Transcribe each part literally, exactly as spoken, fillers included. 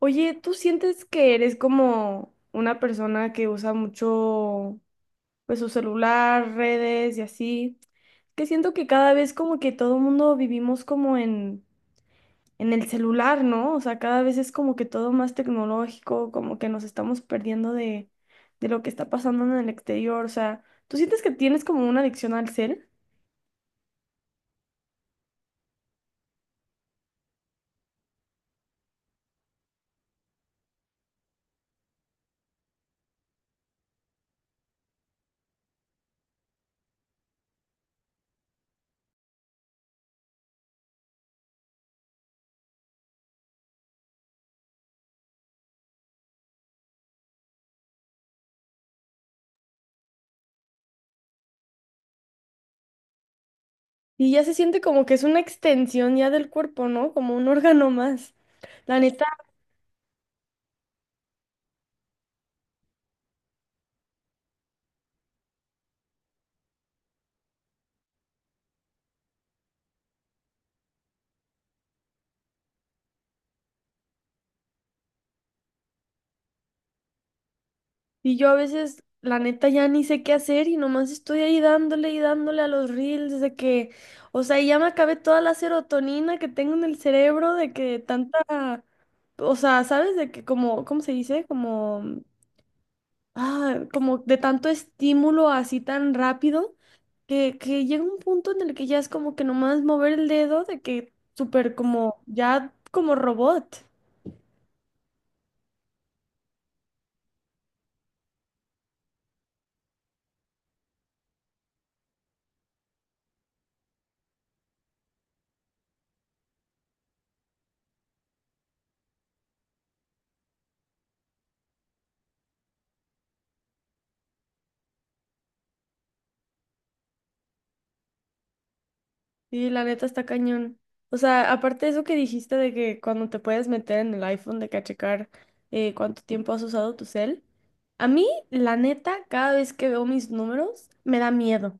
Oye, ¿tú sientes que eres como una persona que usa mucho pues su celular, redes y así? Que siento que cada vez como que todo el mundo vivimos como en en el celular, ¿no? O sea, cada vez es como que todo más tecnológico, como que nos estamos perdiendo de de lo que está pasando en el exterior, o sea, ¿tú sientes que tienes como una adicción al cel? Y ya se siente como que es una extensión ya del cuerpo, ¿no? Como un órgano más. La neta. Y yo a veces, la neta, ya ni sé qué hacer y nomás estoy ahí dándole y dándole a los reels de que, o sea, ya me acabé toda la serotonina que tengo en el cerebro de que tanta, o sea, ¿sabes? De que como, ¿cómo se dice? Como, ah, como de tanto estímulo así tan rápido que, que llega un punto en el que ya es como que nomás mover el dedo de que súper como, ya como robot. Y la neta está cañón. O sea, aparte de eso que dijiste de que cuando te puedes meter en el iPhone de que a checar, eh, cuánto tiempo has usado tu cel, a mí, la neta, cada vez que veo mis números, me da miedo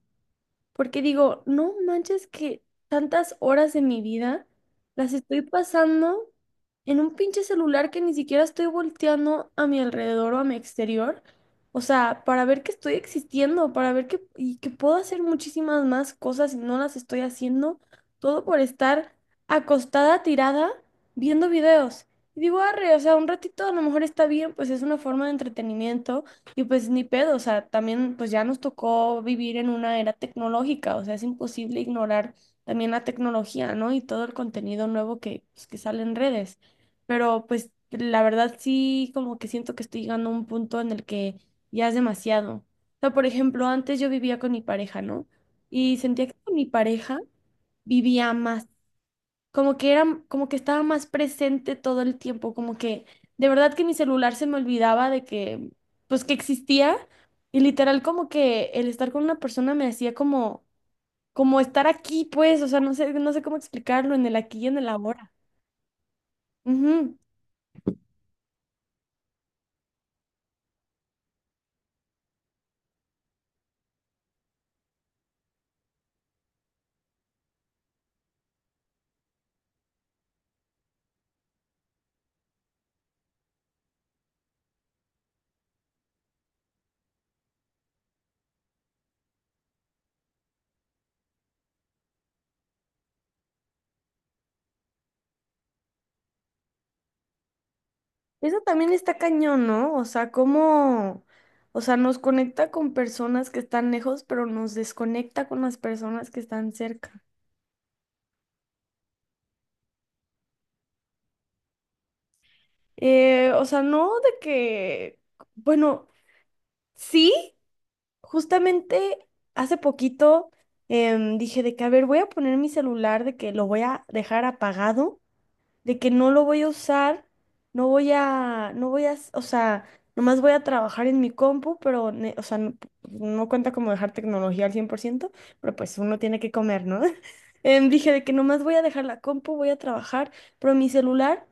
porque digo, no manches que tantas horas de mi vida las estoy pasando en un pinche celular que ni siquiera estoy volteando a mi alrededor o a mi exterior. O sea, para ver que estoy existiendo, para ver que, y que puedo hacer muchísimas más cosas y no las estoy haciendo, todo por estar acostada, tirada, viendo videos. Y digo, arre, o sea, un ratito a lo mejor está bien, pues es una forma de entretenimiento y pues ni pedo, o sea, también pues ya nos tocó vivir en una era tecnológica, o sea, es imposible ignorar también la tecnología, ¿no? Y todo el contenido nuevo que, pues, que sale en redes. Pero pues la verdad sí, como que siento que estoy llegando a un punto en el que ya es demasiado. O sea, por ejemplo, antes yo vivía con mi pareja, ¿no? Y sentía que con mi pareja vivía más como que era, como que estaba más presente todo el tiempo, como que de verdad que mi celular se me olvidaba de que, pues que existía y literal como que el estar con una persona me hacía como, como estar aquí, pues, o sea, no sé, no sé cómo explicarlo en el aquí y en el ahora. Ujú. Eso también está cañón, ¿no? O sea, cómo, o sea, nos conecta con personas que están lejos, pero nos desconecta con las personas que están cerca. Eh, o sea, no de que, bueno. Sí, justamente hace poquito, em, dije de que, a ver, voy a poner mi celular, de que lo voy a dejar apagado, de que no lo voy a usar, no voy a, no voy a, s- o sea, nomás voy a trabajar en mi compu, pero, ne- o sea, no, no cuenta como dejar tecnología al cien por ciento, pero pues uno tiene que comer, ¿no? Em, dije de que nomás voy a dejar la compu, voy a trabajar, pero mi celular...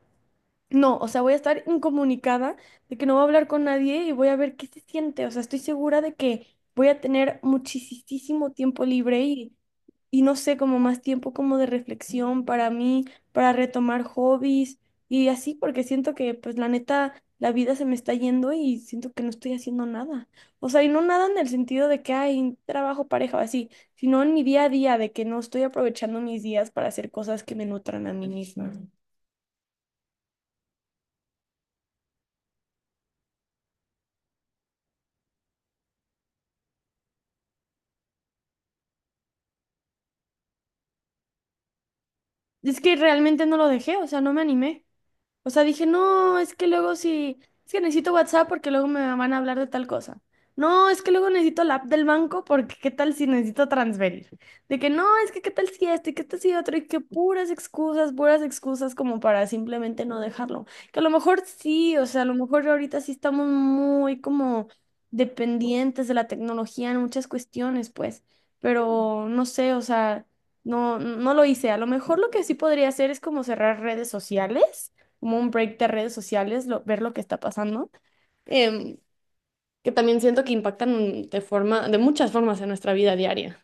No, o sea, voy a estar incomunicada de que no voy a hablar con nadie y voy a ver qué se siente. O sea, estoy segura de que voy a tener muchísimo tiempo libre y, y no sé, como más tiempo como de reflexión para mí, para retomar hobbies y así, porque siento que pues la neta, la vida se me está yendo y siento que no estoy haciendo nada. O sea, y no nada en el sentido de que hay trabajo, pareja o así, sino en mi día a día, de que no estoy aprovechando mis días para hacer cosas que me nutran a mí misma. Es que realmente no lo dejé, o sea, no me animé. O sea, dije, no, es que luego sí, es que necesito WhatsApp porque luego me van a hablar de tal cosa. No, es que luego necesito la app del banco porque qué tal si necesito transferir. De que no, es que qué tal si esto y qué tal si otro y que puras excusas, puras excusas como para simplemente no dejarlo. Que a lo mejor sí, o sea, a lo mejor ahorita sí estamos muy como dependientes de la tecnología en muchas cuestiones, pues, pero no sé, o sea, no, no lo hice. A lo mejor lo que sí podría hacer es como cerrar redes sociales, como un break de redes sociales, lo- ver lo que está pasando, em, que también siento que impactan de forma, de muchas formas en nuestra vida diaria.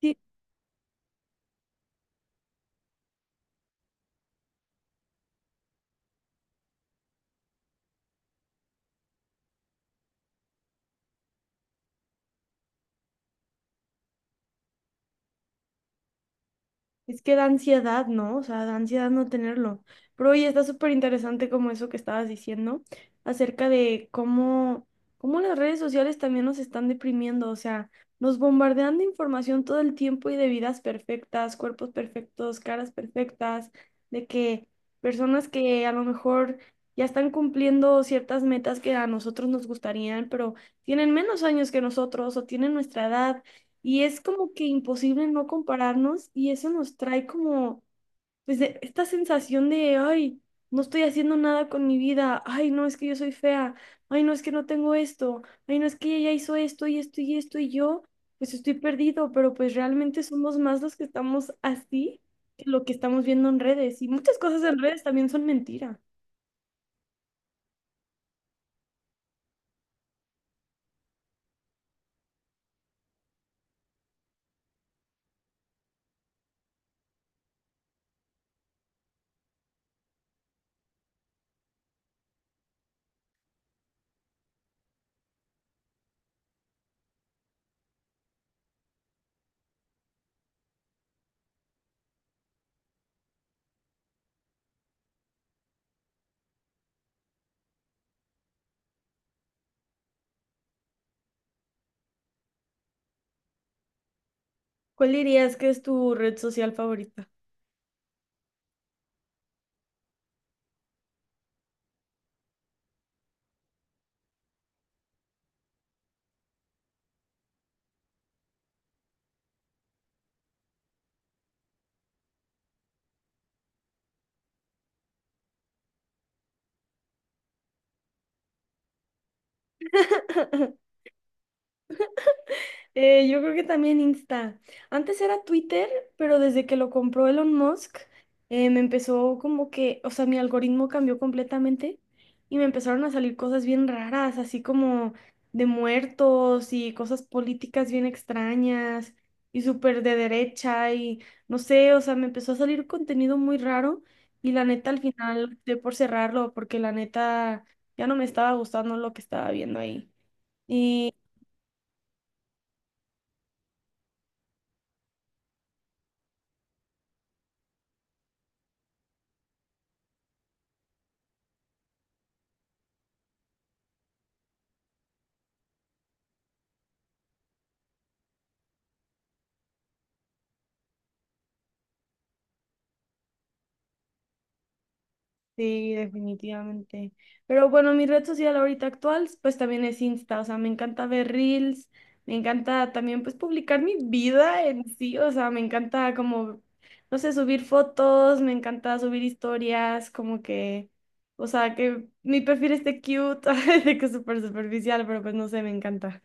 Sí, es que da ansiedad, ¿no? O sea, da ansiedad no tenerlo. Pero oye, está súper interesante como eso que estabas diciendo acerca de cómo, cómo las redes sociales también nos están deprimiendo. O sea, nos bombardean de información todo el tiempo y de vidas perfectas, cuerpos perfectos, caras perfectas, de que personas que a lo mejor ya están cumpliendo ciertas metas que a nosotros nos gustarían, pero tienen menos años que nosotros o tienen nuestra edad y es como que imposible no compararnos y eso nos trae como, pues, de- esta sensación de, ay, no estoy haciendo nada con mi vida, ay, no, es que yo soy fea, ay, no, es que no tengo esto, ay, no, es que ella hizo esto y esto y esto y yo, pues estoy perdido, pero pues realmente somos más los que estamos así que lo que estamos viendo en redes. Y muchas cosas en redes también son mentira. ¿Cuál dirías que es tu red social favorita? Eh, yo creo que también Insta. Antes era Twitter, pero desde que lo compró Elon Musk, eh, me empezó como que, o sea, mi algoritmo cambió completamente y me empezaron a salir cosas bien raras, así como de muertos y cosas políticas bien extrañas y súper de derecha y no sé, o sea, me empezó a salir contenido muy raro y la neta al final de por cerrarlo porque la neta ya no me estaba gustando lo que estaba viendo ahí. Sí, definitivamente. Pero bueno, mi red social ahorita actual, pues también es Insta, o sea, me encanta ver reels, me encanta también pues publicar mi vida en sí, o sea, me encanta como, no sé, subir fotos, me encanta subir historias, como que, o sea, que mi perfil esté cute, de que es súper superficial, pero pues no sé, me encanta.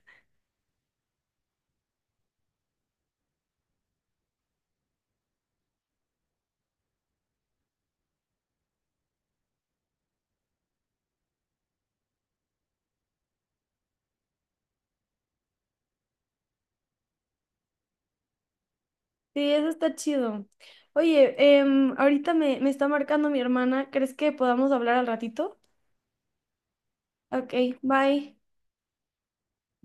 Sí, eso está chido. Oye, em, ahorita me, me está marcando mi hermana, ¿crees que podamos hablar al ratito? Ok, bye.